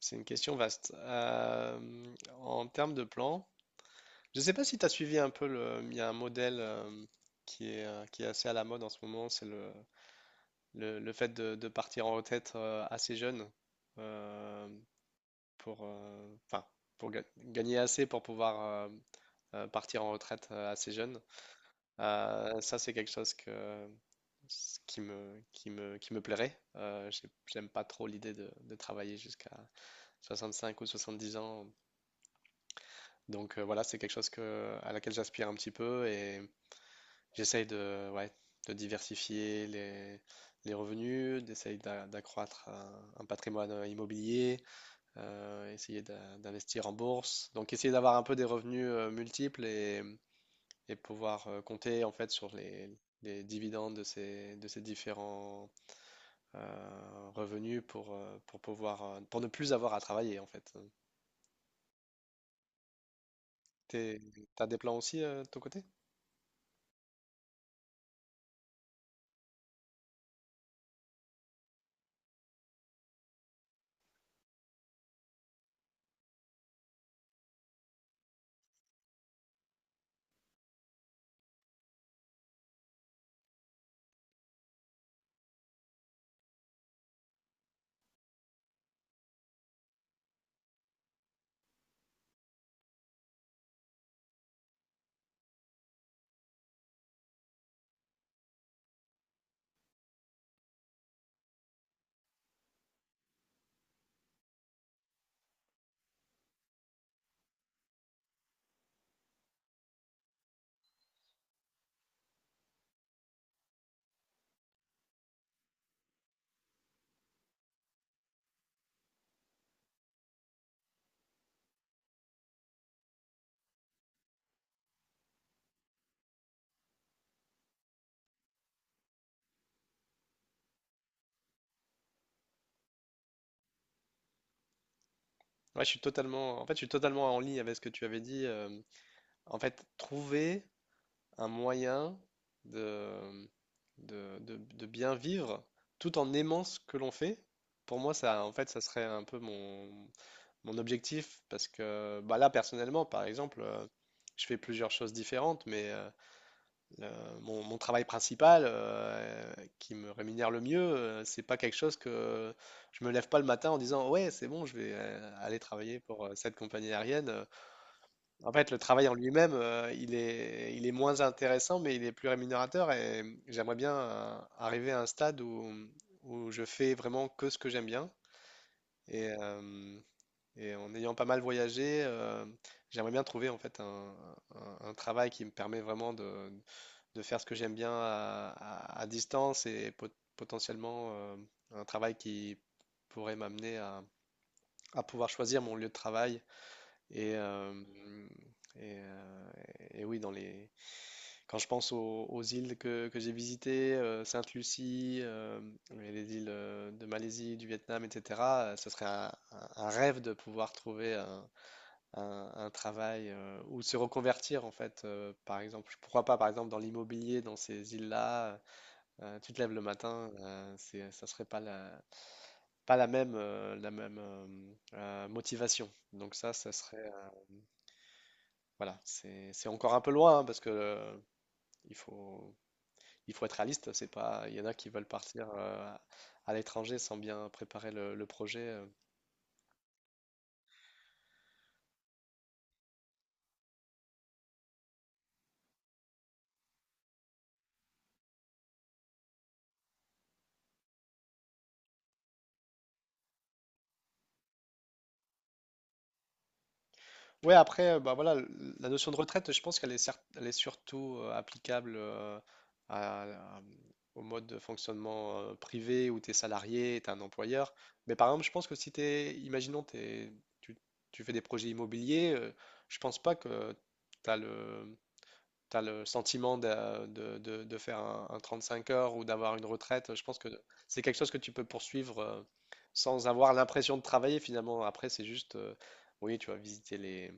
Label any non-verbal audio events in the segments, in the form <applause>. C'est une question vaste. En termes de plan, je ne sais pas si tu as suivi un peu le. Il y a un modèle qui est assez à la mode en ce moment, c'est le fait de partir en retraite assez jeune euh, pour, enfin, pour gagner assez pour pouvoir partir en retraite assez jeune. Ça, c'est quelque chose que, ce qui me plairait. J'aime pas trop l'idée de travailler jusqu'à 65 ou 70 ans. Donc voilà, c'est quelque chose que, à laquelle j'aspire un petit peu et j'essaye de, ouais, de diversifier les revenus, d'essayer d'accroître un patrimoine immobilier, essayer d'investir en bourse. Donc essayer d'avoir un peu des revenus multiples et pouvoir compter en fait sur les dividendes de ces différents revenus pour pouvoir, pour ne plus avoir à travailler en fait. T'es- T'as des plans aussi de ton côté? Ouais, je suis totalement, en fait, je suis totalement en ligne avec ce que tu avais dit. En fait, trouver un moyen de, de bien vivre tout en aimant ce que l'on fait, pour moi, ça, en fait, ça serait un peu mon, mon objectif. Parce que bah là, personnellement, par exemple, je fais plusieurs choses différentes, mais le- mon, mon travail principal, qui me rémunère le mieux, c'est pas quelque chose que je me lève pas le matin en disant ouais, c'est bon, je vais aller travailler pour cette compagnie aérienne. En fait, le travail en lui-même, il est moins intéressant, mais il est plus rémunérateur et j'aimerais bien arriver à un stade où, où je fais vraiment que ce que j'aime bien et, euh, et en ayant pas mal voyagé, j'aimerais bien trouver en fait un, un travail qui me permet vraiment de faire ce que j'aime bien à, à distance et potentiellement un travail qui pourrait m'amener à pouvoir choisir mon lieu de travail. Et, et, euh, et oui, dans les... quand je pense aux, aux îles que j'ai visitées, Sainte-Lucie, et les îles de Malaisie, du Vietnam, etc., ce serait un, un rêve de pouvoir trouver un, un travail ou se reconvertir en fait. Par exemple, pourquoi pas par exemple dans l'immobilier dans ces îles-là, tu te lèves le matin, ça serait pas la, pas la même, motivation. Donc ça serait, voilà, c'est encore un peu loin hein, parce que il faut, il faut être réaliste. C'est pas, il y en a qui veulent partir à l'étranger sans bien préparer le projet. Ouais, après, bah voilà, la notion de retraite, je pense qu'elle est, elle est surtout applicable à- à- au mode de fonctionnement privé où tu es salarié, tu es un employeur. Mais par exemple, je pense que si tu es, tu, tu fais des projets immobiliers, je pense pas que tu as le, tu as le sentiment de, de faire un 35 heures ou d'avoir une retraite. Je pense que c'est quelque chose que tu peux poursuivre sans avoir l'impression de travailler finalement. Après, c'est juste, oui, tu vas visiter les,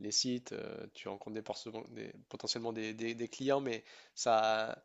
les sites, tu rencontres des, potentiellement des, des clients, mais ça,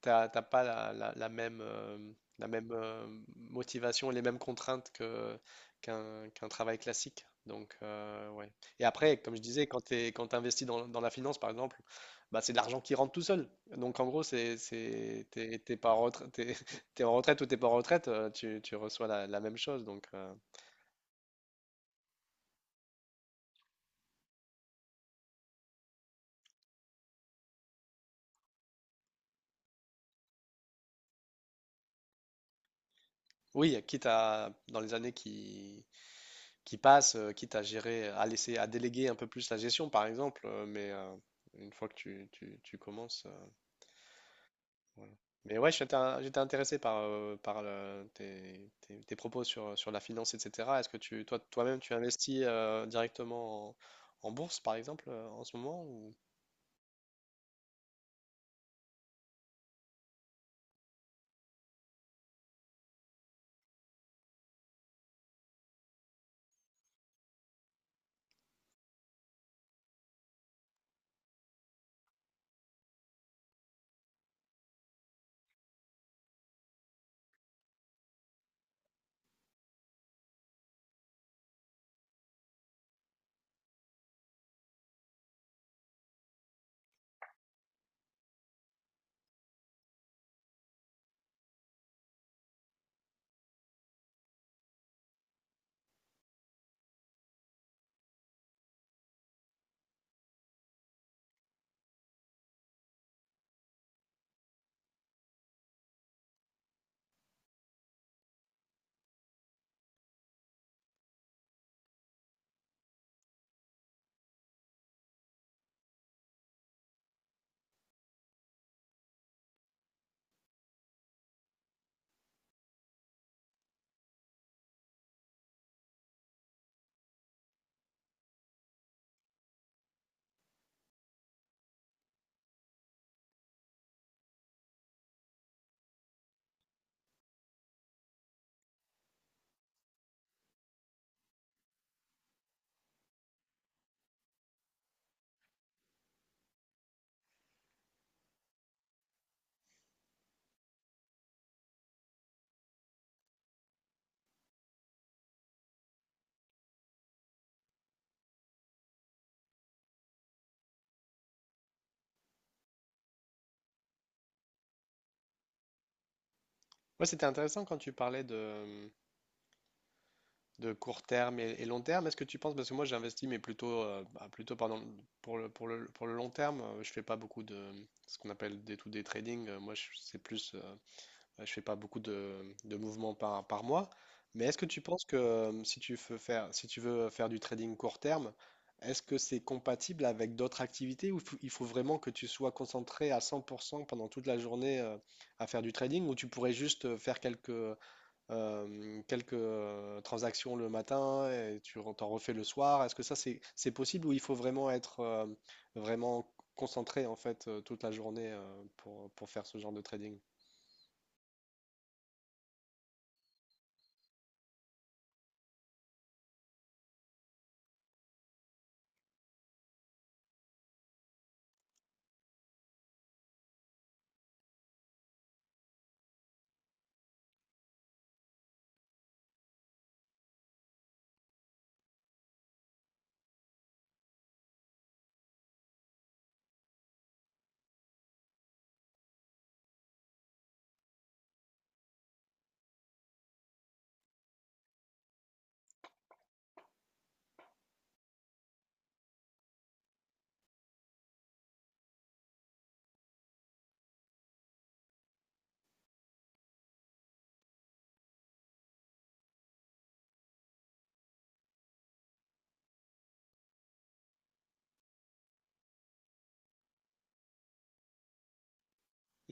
t'as pas la, la même, la même euh, motivation, et les mêmes contraintes que, qu'un travail classique. Donc, ouais. Et après, comme je disais, quand tu investis dans, dans la finance, par exemple, bah, c'est de l'argent qui rentre tout seul. Donc, en gros, c'est, t'es, t'es pas en retraite, t'es, <laughs> t'es en retraite ou t'es pas en retraite, tu, tu reçois la, la même chose. Donc, oui, quitte à, dans les années qui passe, quitte à gérer, à laisser, à déléguer un peu plus la gestion, par exemple. Une fois que tu, tu commences, voilà. Mais ouais, j'étais intéressé par, par tes propos sur, sur la finance, etc. Est-ce que tu, toi, toi-même, tu investis directement en, en bourse, par exemple, en ce moment ou... Ouais, c'était intéressant quand tu parlais de court terme et long terme. Est-ce que tu penses, parce que moi j'investis, mais plutôt, bah, plutôt pardon, pour le, pour le, pour le long terme, je fais pas beaucoup de ce qu'on appelle des to day trading. Moi, c'est plus, bah, je fais pas beaucoup de mouvements par, par mois. Mais est-ce que tu penses que si tu veux faire, si tu veux faire du trading court terme, est-ce que c'est compatible avec d'autres activités ou il faut vraiment que tu sois concentré à 100% pendant toute la journée à faire du trading ou tu pourrais juste faire quelques quelques transactions le matin et tu t'en refais le soir. Est-ce que ça c'est possible ou il faut vraiment être vraiment concentré en fait toute la journée pour faire ce genre de trading?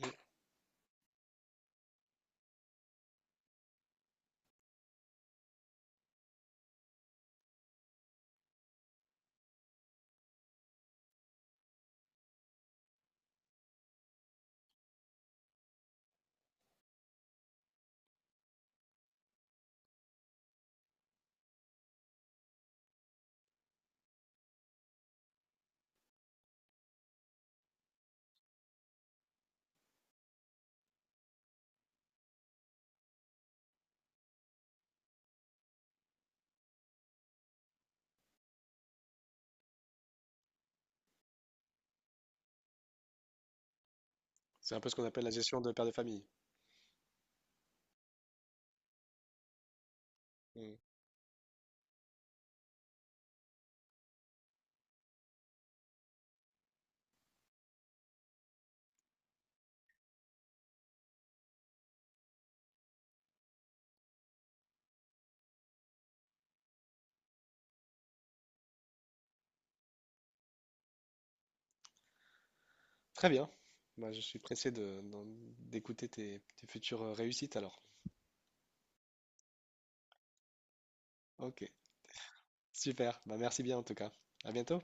Mm. C'est un peu ce qu'on appelle la gestion de père de famille. Mm. Très bien. Bah, je suis pressé de, d'écouter tes, tes futures réussites alors. Ok, super. Bah, merci bien en tout cas. À bientôt.